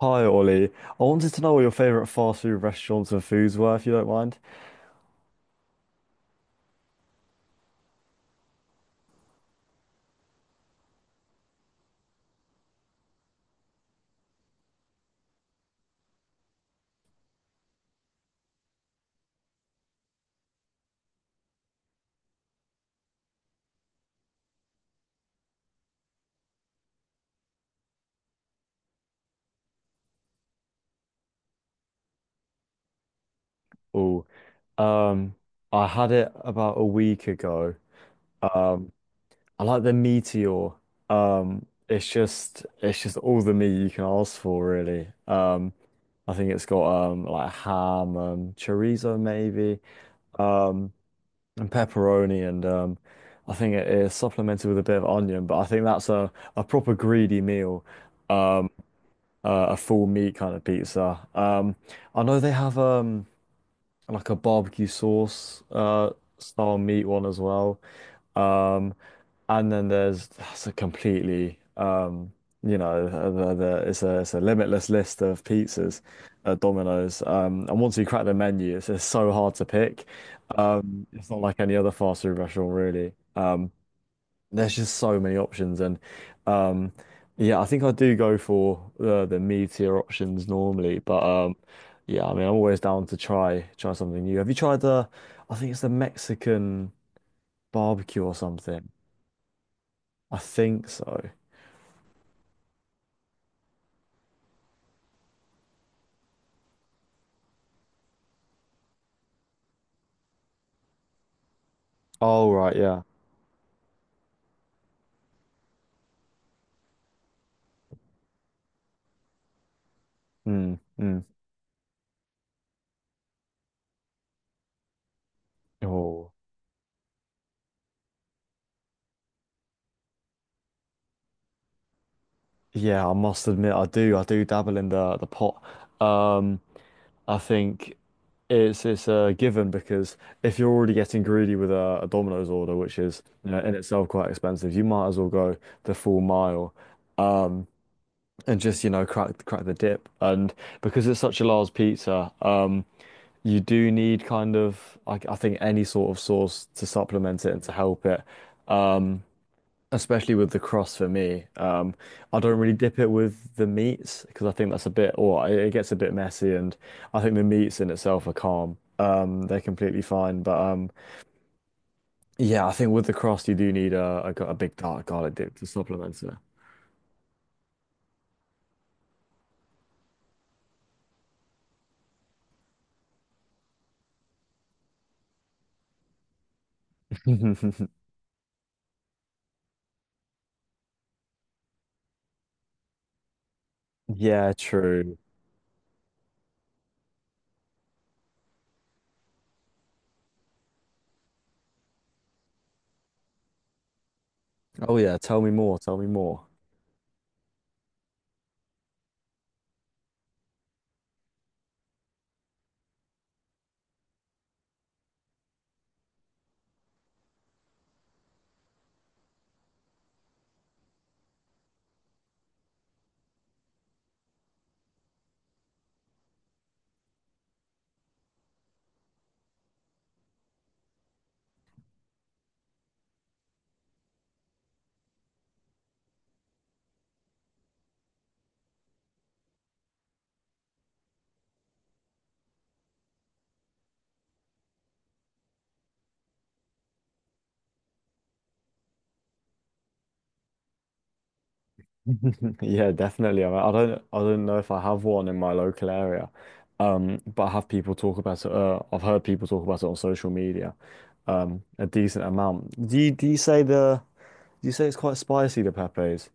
Hi Ollie, I wanted to know what your favorite fast food restaurants and foods were, if you don't mind. Oh, um, I had it about a week ago. Um, I like the Meteor. It's just all the meat you can ask for, really. I think it's got like ham, chorizo maybe, um, and pepperoni, and I think it is supplemented with a bit of onion. But I think that's a proper greedy meal. Um, a full meat kind of pizza. I know they have like a barbecue sauce style meat one as well. Um, and then there's That's a completely you know uh, it's a limitless list of pizzas at Domino's. And once you crack the menu, it's so hard to pick. It's not like any other fast food restaurant, really. There's just so many options, and um, yeah, I think I do go for the mid tier options normally, but yeah, I mean, I'm always down to try something new. Have you tried the? I think it's the Mexican barbecue or something. I think so. Oh right, yeah. Mm, mm. Oh yeah, I must admit, I do dabble in the pot. Um, I think it's a given because if you're already getting greedy with a Domino's order, which is, you know, in itself quite expensive, you might as well go the full mile, um, and just, you know, crack the dip. And because it's such a large pizza, you do need kind of, I think, any sort of sauce to supplement it and to help it. Um, Especially with the cross for me. I don't really dip it with the meats because I think that's a bit, or it gets a bit messy, and I think the meats in itself are calm. They're completely fine, but yeah, I think with the cross you do need a big dark garlic dip to supplement it. Yeah, true. Oh yeah, tell me more. Tell me more. Yeah, definitely. I mean, I don't know if I have one in my local area, but I have people talk about it. I've heard people talk about it on social media, a decent amount. Do you say do you say it's quite spicy, the pepes?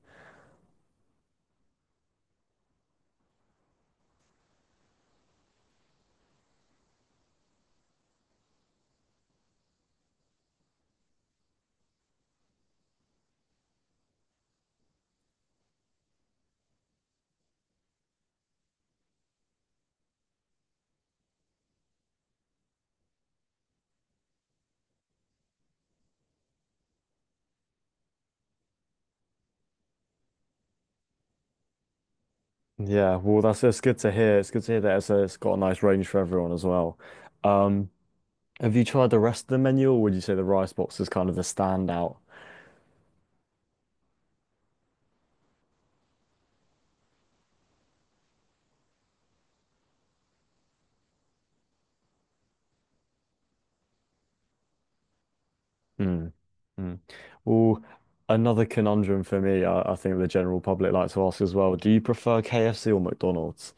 Yeah, well, that's it's good to hear. It's good to hear that it's got a nice range for everyone as well. Um, have you tried the rest of the menu, or would you say the rice box is kind of the standout? Mm, mm. Well, another conundrum for me, I think the general public like to ask as well. Do you prefer KFC or McDonald's?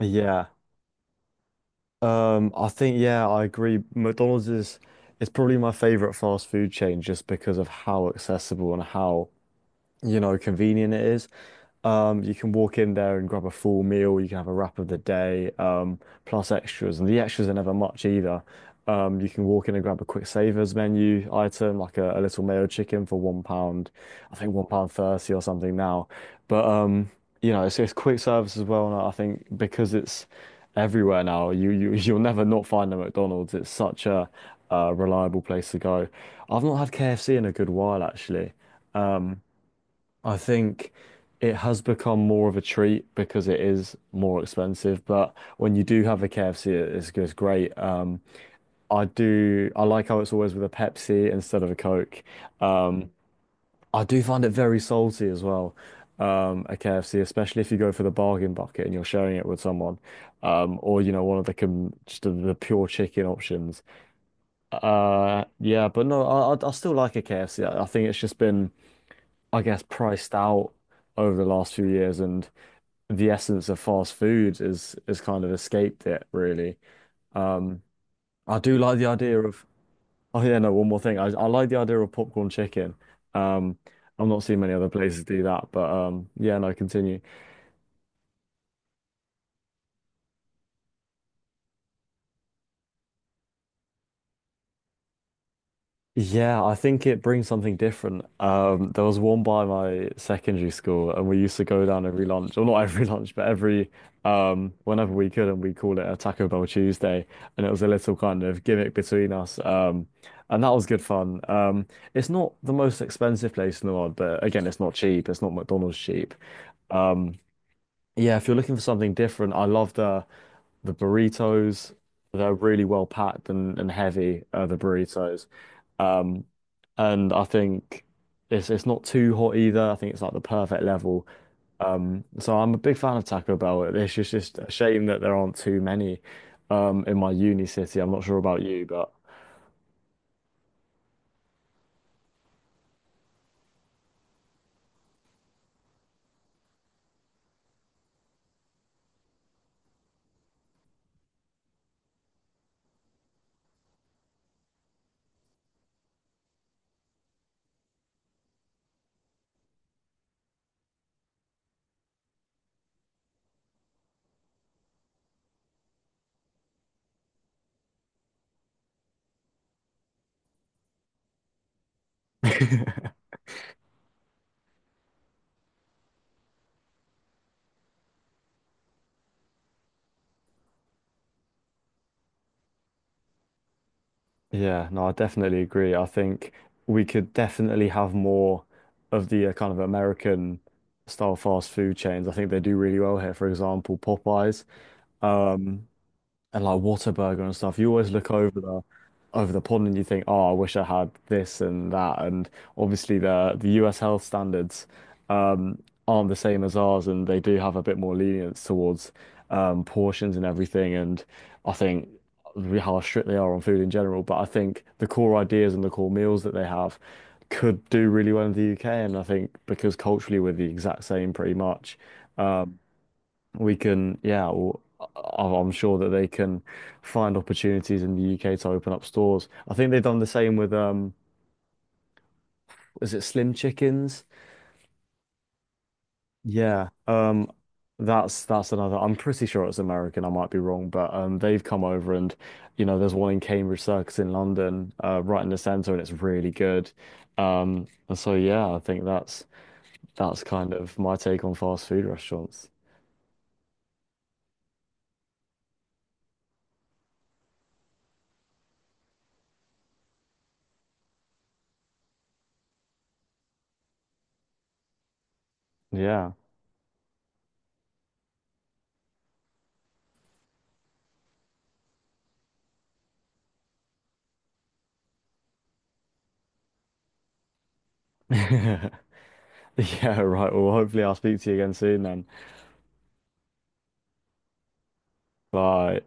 Yeah. I think, yeah, I agree. McDonald's is probably my favorite fast food chain just because of how accessible and how, you know, convenient it is. You can walk in there and grab a full meal. You can have a wrap of the day, plus extras, and the extras are never much either. You can walk in and grab a quick savers menu item, like a little mayo chicken for £1, I think £1.30 or something now. But you know, it's quick service as well, and I think because it's everywhere now, you you'll never not find a McDonald's. It's such a reliable place to go. I've not had KFC in a good while, actually. I think it has become more of a treat because it is more expensive. But when you do have a KFC, it's great. I do. I like how it's always with a Pepsi instead of a Coke. Um, I do find it very salty as well. A KFC, especially if you go for the bargain bucket and you're sharing it with someone, or, you know, one of the com just the pure chicken options. Yeah, but no, I still like a KFC. I think it's just been, I guess, priced out over the last few years and the essence of fast food is kind of escaped it, really. Um I do like the idea of oh yeah, no one more thing, I like the idea of popcorn chicken. Um I'm not seeing many other places do that, but yeah, no, continue. Yeah, I think it brings something different. There was one by my secondary school, and we used to go down every lunch, or not every lunch, but every whenever we could, and we call it a Taco Bell Tuesday, and it was a little kind of gimmick between us, and that was good fun. It's not the most expensive place in the world, but again, it's not cheap. It's not McDonald's cheap. Um, yeah, if you're looking for something different, I love the burritos. They're really well packed and heavy, the burritos. Um, and I think it's not too hot either. I think it's like the perfect level. So I'm a big fan of Taco Bell. Just a shame that there aren't too many in my uni city. I'm not sure about you, but yeah, no, I definitely agree. I think we could definitely have more of the kind of American style fast food chains. I think they do really well here. For example, Popeyes. Um, and like Whataburger and stuff, you always look over the pond and you think, oh, I wish I had this and that. And obviously the US health standards um, aren't the same as ours, and they do have a bit more lenience towards portions and everything. And I think how strict they are on food in general, but I think the core ideas and the core meals that they have could do really well in the UK. And I think because culturally we're the exact same, pretty much. um, we can, yeah, I'm sure that they can find opportunities in the UK to open up stores. I think they've done the same with is it Slim Chickens? Yeah, that's another. I'm pretty sure it's American. I might be wrong, but they've come over and, you know, there's one in Cambridge Circus in London, right in the centre, and it's really good. And so yeah, I think that's kind of my take on fast food restaurants. Yeah. Yeah, right. Well, hopefully I'll speak to you again soon then. Bye.